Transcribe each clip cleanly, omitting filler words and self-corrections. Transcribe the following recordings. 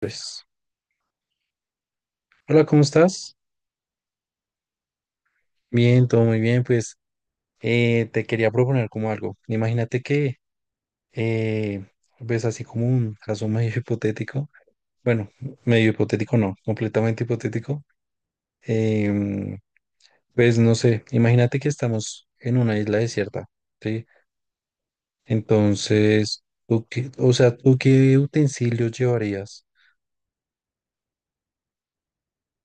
Pues, hola, ¿cómo estás? Bien, todo muy bien. Pues te quería proponer como algo. Imagínate que, eh, pues así como un caso medio hipotético, bueno, medio hipotético no, completamente hipotético. em, pues no sé, imagínate que estamos en una isla desierta, ¿sí? Entonces, o sea, ¿tú qué utensilios llevarías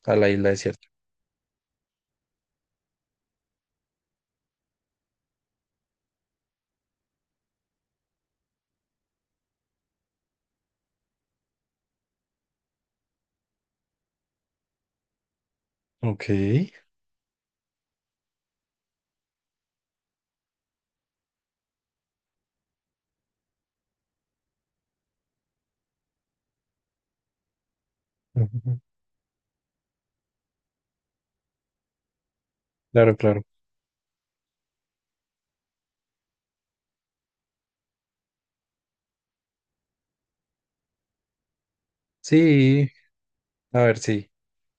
a la isla desierta? Ok. Ujú. Claro, claro. Sí, a ver, sí.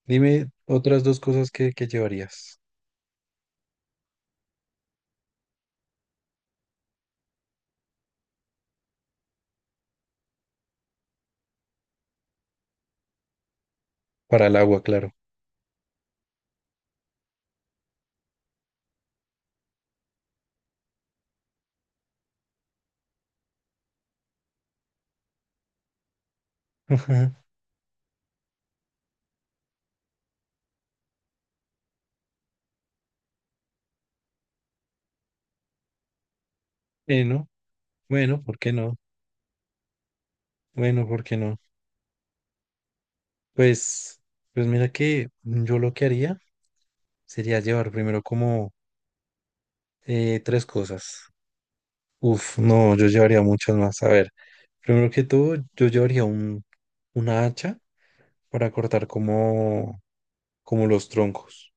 Dime otras dos cosas que llevarías. Para el agua, claro. Ajá. Bueno, bueno, ¿por qué no? Bueno, ¿por qué no? Pues, pues mira que yo lo que haría sería llevar primero como tres cosas. Uf, no, yo llevaría muchas más. A ver, primero que todo, una hacha para cortar como los troncos.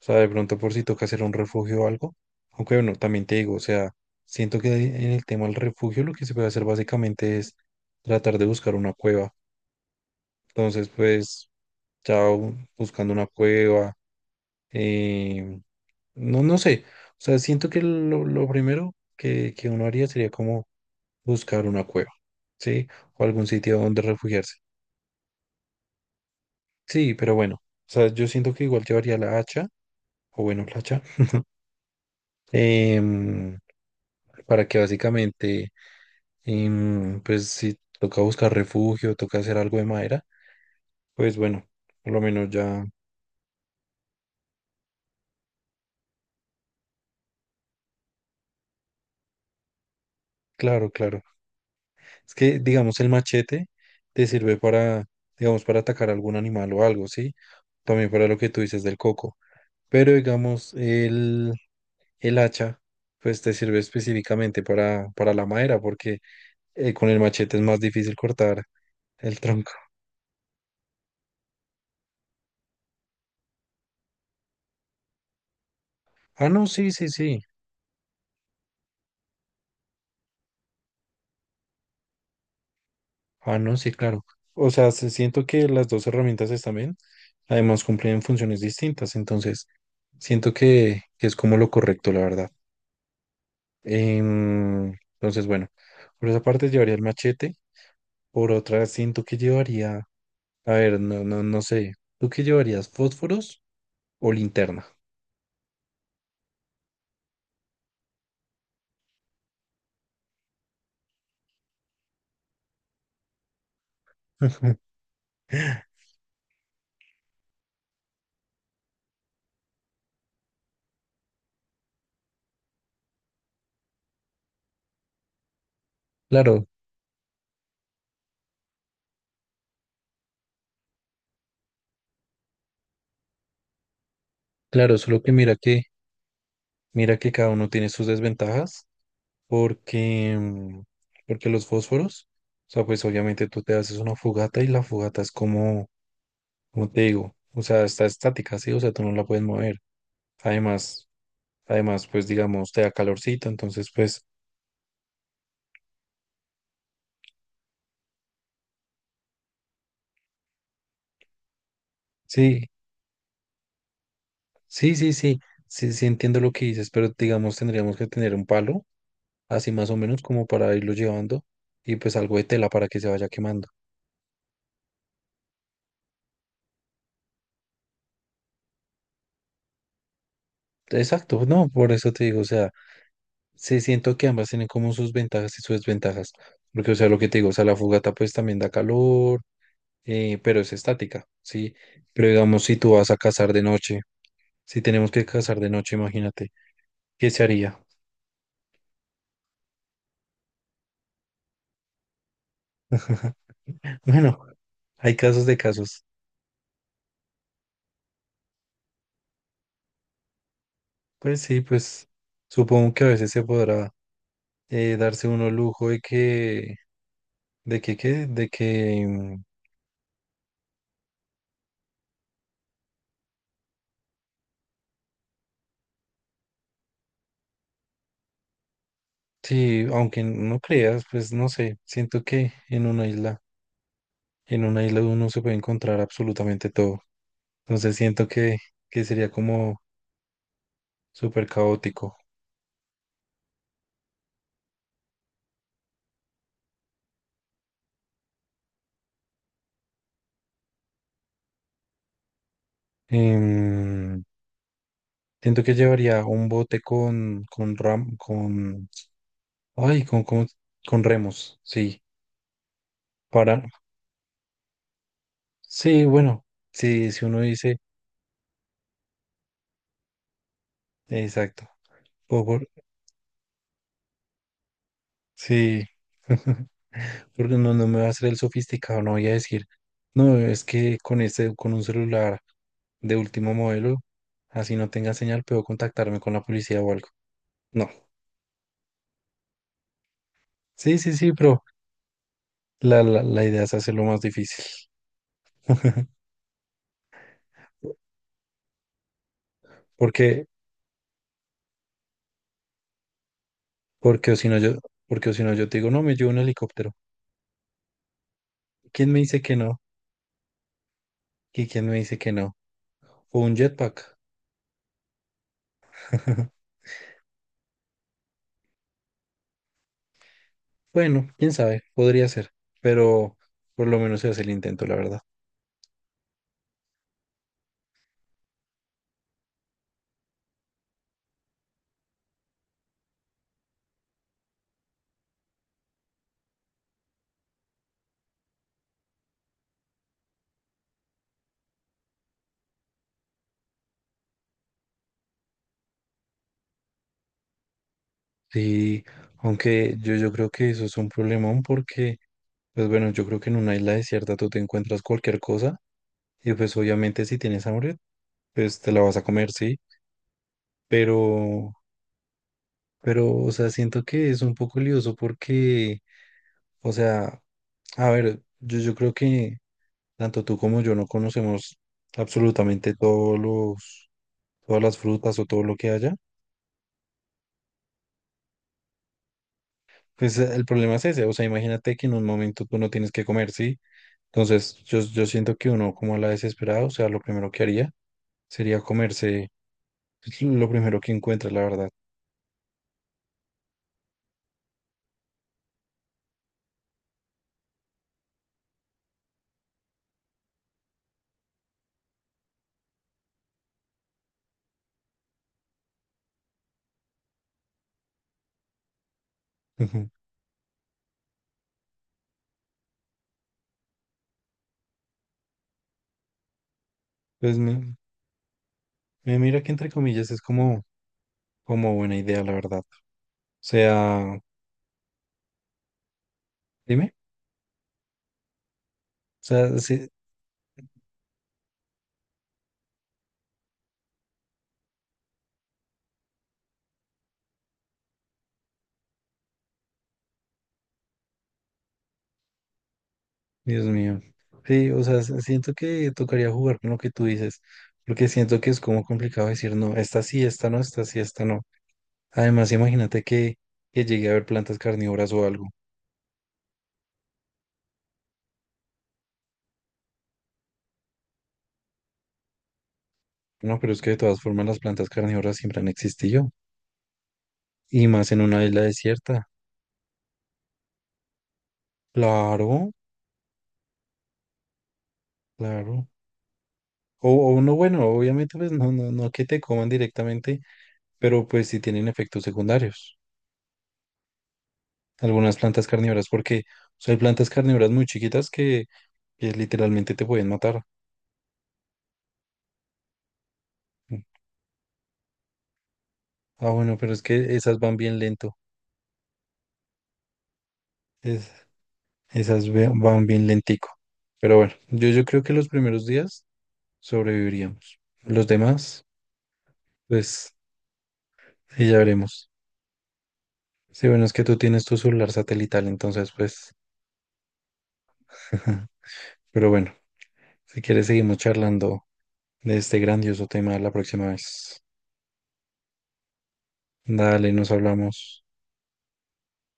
O sea, de pronto por si toca hacer un refugio o algo. Aunque bueno, también te digo, o sea, siento que en el tema del refugio lo que se puede hacer básicamente es tratar de buscar una cueva. Entonces, pues, buscando una cueva, eh, no, no sé. O sea, siento que lo primero que uno haría sería como buscar una cueva, ¿sí? O algún sitio donde refugiarse. Sí, pero bueno, o sea, yo siento que igual llevaría la hacha, o bueno, la hacha. em, para que básicamente, pues si toca buscar refugio, toca hacer algo de madera, pues bueno, por lo menos ya, claro, claro. Es que, digamos, el machete te sirve para, digamos, para atacar algún animal o algo, ¿sí? También para lo que tú dices del coco. Pero, digamos, el hacha, pues te sirve específicamente para la madera, porque con el machete es más difícil cortar el tronco. Ah, no, sí, sí, sí. Ah, no, sí, claro. O sea, siento que las dos herramientas están bien. Además, cumplen funciones distintas. Entonces, siento que es como lo correcto, la verdad. Em, entonces, bueno, por esa parte llevaría el machete. Por otra, siento que llevaría. A ver, no, no, no sé. ¿Tú qué llevarías? ¿Fósforos o linterna? Claro, claro, solo que mira que cada uno tiene sus desventajas. Porque, porque los fósforos, o sea, pues obviamente tú te haces una fogata y la fogata es como, como te digo, o sea, está estática, sí, o sea, tú no la puedes mover. Además, además, pues digamos, te da calorcito, entonces, pues sí, sí, sí, sí, sí, sí entiendo lo que dices, pero digamos, tendríamos que tener un palo, así más o menos, como para irlo llevando y pues algo de tela para que se vaya quemando. Exacto, no, por eso te digo, o sea, se siento que ambas tienen como sus ventajas y sus desventajas, porque, o sea, lo que te digo, o sea, la fogata pues también da calor, pero es estática, ¿sí? Pero digamos, si tú vas a cazar de noche, si tenemos que cazar de noche, imagínate, ¿qué se haría? Bueno, hay casos de casos. Pues sí, pues supongo que a veces se podrá darse uno el lujo de que, ¿qué? De que sí, aunque no creas, pues no sé, siento que en una isla uno se puede encontrar absolutamente todo. Entonces siento que sería como súper caótico. Em, Siento que llevaría un bote con, con, ay, con remos, sí, para, sí, bueno, sí, si uno dice, exacto, o por- sí, porque no, no me va a hacer el sofisticado, no voy a decir, no, es que con este, con un celular de último modelo, así no tenga señal, puedo contactarme con la policía o algo. No. Sí, sí, sí, pero la idea es hacerlo más difícil. Porque, porque o si no yo, porque o si no yo te digo, no, me llevo un helicóptero. ¿Quién me dice que no? ¿Y quién me dice que no? O un jetpack. Bueno, quién sabe, podría ser, pero por lo menos se hace el intento, la verdad. Sí, aunque yo creo que eso es un problemón porque, pues bueno, yo creo que en una isla desierta tú te encuentras cualquier cosa. Y pues obviamente si tienes hambre, pues te la vas a comer, sí, pero, pero, o sea, siento que es un poco lioso porque, o sea, a ver, yo creo que tanto tú como yo no conocemos absolutamente todas las frutas o todo lo que haya. Pues el problema es ese, o sea, imagínate que en un momento tú no tienes que comer, sí. Entonces, yo siento que uno como a la desesperada, o sea, lo primero que haría sería comerse pues, lo primero que encuentra, la verdad. Pues me, mira que entre comillas es como, como buena idea, la verdad. O sea, dime. O sea, sí, Dios mío. Sí, o sea, siento que tocaría jugar con lo que tú dices, porque siento que es como complicado decir, no, esta sí, esta no, esta sí, esta no. Además, imagínate que llegue a haber plantas carnívoras o algo. No, pero es que de todas formas las plantas carnívoras siempre han existido, y más en una isla desierta. Claro, claro. O no, bueno, obviamente, pues no, no, no que te coman directamente, pero pues sí tienen efectos secundarios. Algunas plantas carnívoras, porque o sea, hay plantas carnívoras muy chiquitas que literalmente te pueden matar. Ah, bueno, pero es que esas van bien lento. Es- Esas van bien lentico. Pero bueno, yo creo que los primeros días sobreviviríamos. Los demás, pues, ahí ya veremos. Sí, bueno, es que tú tienes tu celular satelital, entonces, pues, pero bueno, si quieres seguimos charlando de este grandioso tema la próxima vez. Dale, nos hablamos.